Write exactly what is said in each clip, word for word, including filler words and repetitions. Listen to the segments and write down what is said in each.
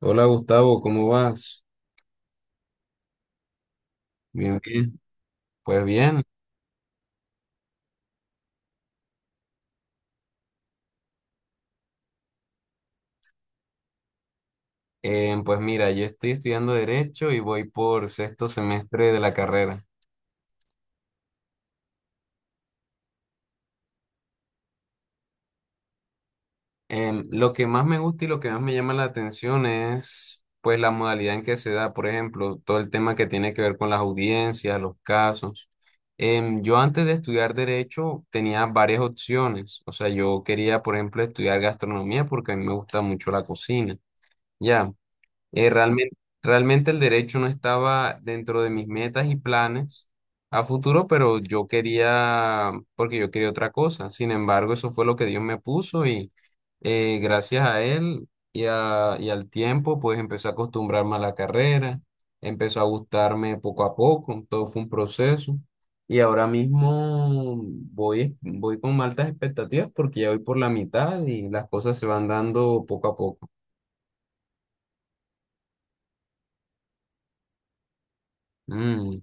Hola Gustavo, ¿cómo vas? Bien, bien. Pues bien, em, pues mira, yo estoy estudiando Derecho y voy por sexto semestre de la carrera. Em, lo que más me gusta y lo que más me llama la atención es pues la modalidad en que se da, por ejemplo, todo el tema que tiene que ver con las audiencias, los casos. Em, yo antes de estudiar Derecho tenía varias opciones, o sea, yo quería, por ejemplo, estudiar gastronomía porque a mí me gusta mucho la cocina. Ya. Eh, realmente, realmente el derecho no estaba dentro de mis metas y planes a futuro, pero yo quería, porque yo quería otra cosa. Sin embargo, eso fue lo que Dios me puso y eh, gracias a Él y, a- y al tiempo, pues empecé a acostumbrarme a la carrera, empezó a gustarme poco a poco, todo fue un proceso. Y ahora mismo voy, voy con altas expectativas porque ya voy por la mitad y las cosas se van dando poco a poco. Mm.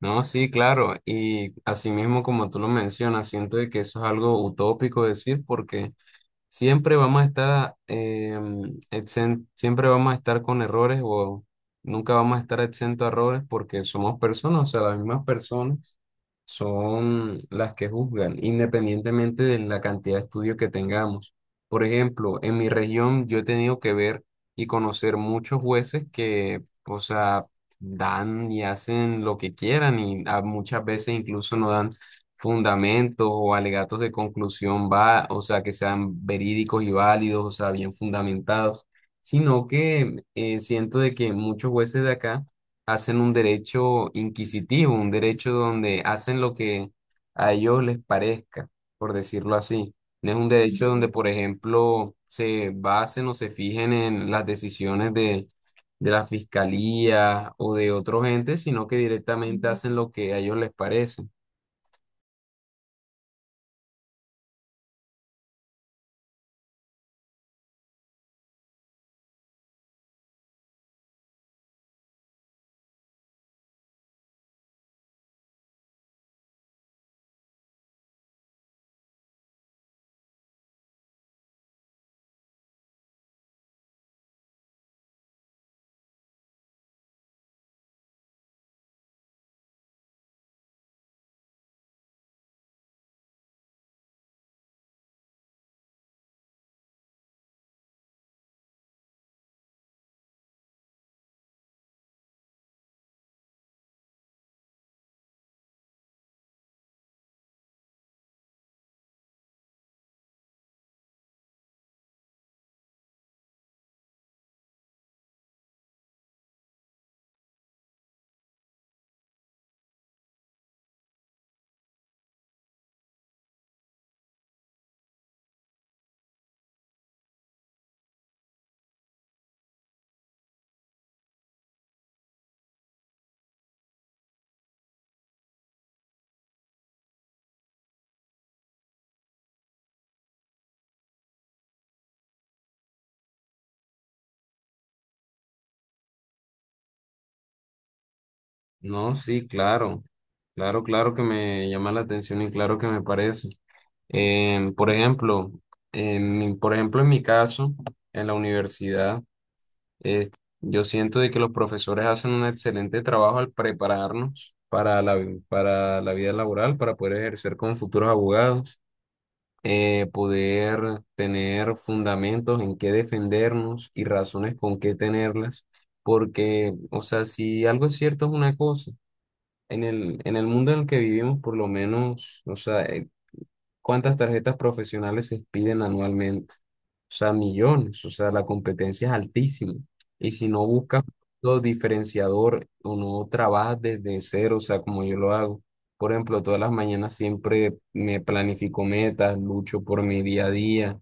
No, sí, claro. Y asimismo, como tú lo mencionas, siento de que eso es algo utópico decir porque siempre vamos a estar, a- em, exen- siempre vamos a estar con errores o nunca vamos a estar exento a errores porque somos personas, o sea, las mismas personas son las que juzgan, independientemente de la cantidad de estudios que tengamos. Por ejemplo, en mi región yo he tenido que ver y conocer muchos jueces que, o sea, dan y hacen lo que quieran y a- muchas veces incluso no dan fundamentos o alegatos de conclusión va, o sea, que sean verídicos y válidos, o sea, bien fundamentados, sino que eh, siento de que muchos jueces de acá hacen un derecho inquisitivo, un derecho donde hacen lo que a ellos les parezca, por decirlo así. No es un derecho donde, por ejemplo, se basen o se fijen en las decisiones de, de la fiscalía o de otros entes, sino que directamente hacen lo que a ellos les parece. No, sí, claro, claro, claro que me llama la atención y claro que me parece. Em, por ejemplo, en mi- por ejemplo, en mi caso, en la universidad, eh, yo siento de que los profesores hacen un excelente trabajo al prepararnos para la, vi- para la vida laboral, para poder ejercer como futuros abogados, eh, poder tener fundamentos en qué defendernos y razones con qué tenerlas, porque, o sea, si algo es cierto es una cosa. En el, en el mundo en el que vivimos, por lo menos, o sea, eh, ¿cuántas tarjetas profesionales se expiden anualmente? O sea, millones, o sea, la competencia es altísima. Y si no buscas lo diferenciador o no trabajas desde cero, o sea, como yo lo hago. Por ejemplo, todas las mañanas siempre me planifico metas, lucho por mi día a día,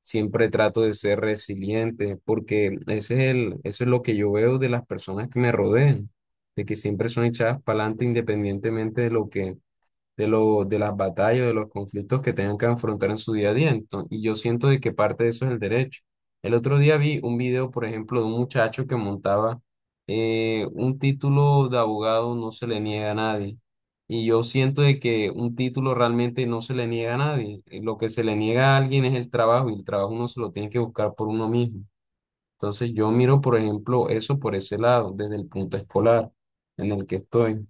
siempre trato de ser resiliente, porque ese es el, eso es lo que yo veo de las personas que me rodean, de que siempre son echadas para adelante independientemente de lo que de, lo, de las batallas, de los conflictos que tengan que afrontar en su día a día. Entonces, y yo siento de que parte de eso es el derecho. El otro día vi un video, por ejemplo, de un muchacho que montaba eh, un título de abogado no se le niega a nadie. Y yo siento de que un título realmente no se le niega a nadie. Eh, Lo que se le niega a alguien es el trabajo y el trabajo uno se lo tiene que buscar por uno mismo. Entonces yo miro, por ejemplo, eso por ese lado, desde el punto escolar en el que estoy.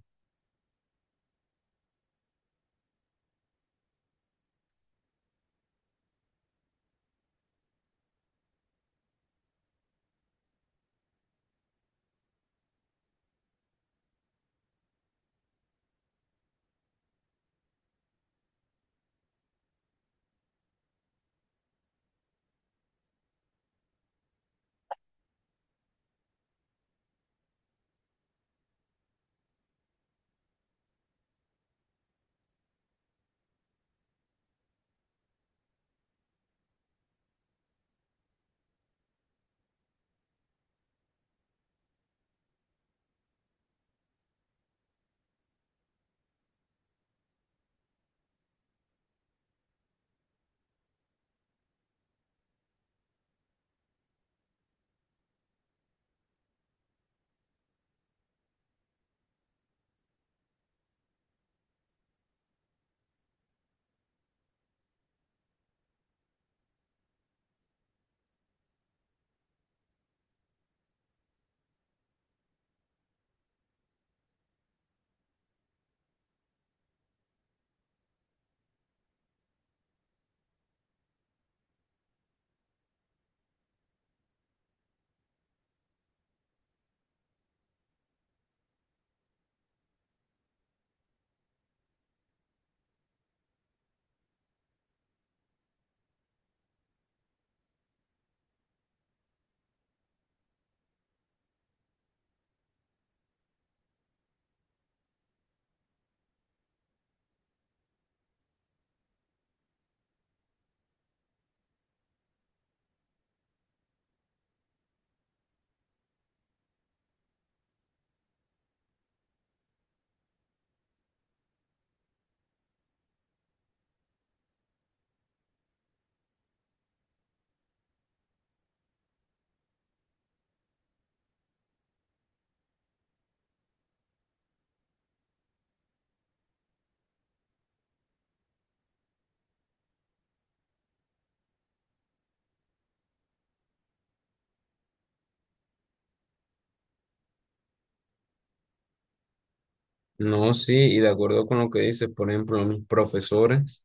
No, sí, y de acuerdo con lo que dices, por ejemplo, mis profesores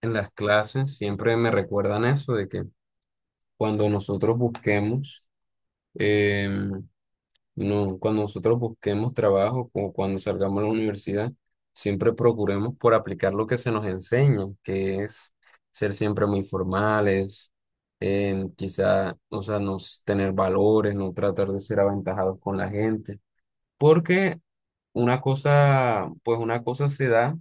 en las clases siempre me recuerdan eso, de que cuando nosotros busquemos, em, no, cuando nosotros busquemos trabajo o cuando salgamos a la universidad, siempre procuremos por aplicar lo que se nos enseña, que es ser siempre muy formales, em, quizá, o sea, no s- tener valores, no tratar de ser aventajados con la gente, porque una cosa, pues una cosa se da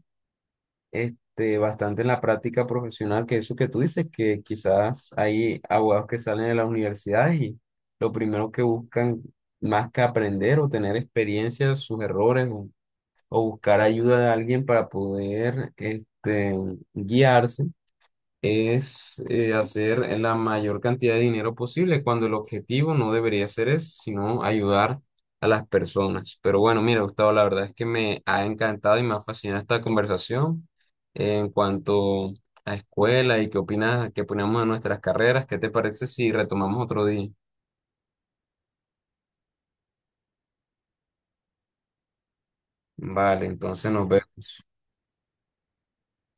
este, bastante en la práctica profesional, que eso que tú dices, que quizás hay abogados que salen de la universidad y lo primero que buscan más que aprender o tener experiencia sus errores o, o buscar ayuda de alguien para poder este, guiarse es eh, hacer la mayor cantidad de dinero posible, cuando el objetivo no debería ser eso, sino ayudar a las personas. Pero bueno, mira, Gustavo, la verdad es que me ha encantado y me ha fascinado esta conversación en cuanto a escuela y qué opinas, qué opinamos de nuestras carreras. ¿Qué te parece si retomamos otro día? Vale, entonces nos vemos.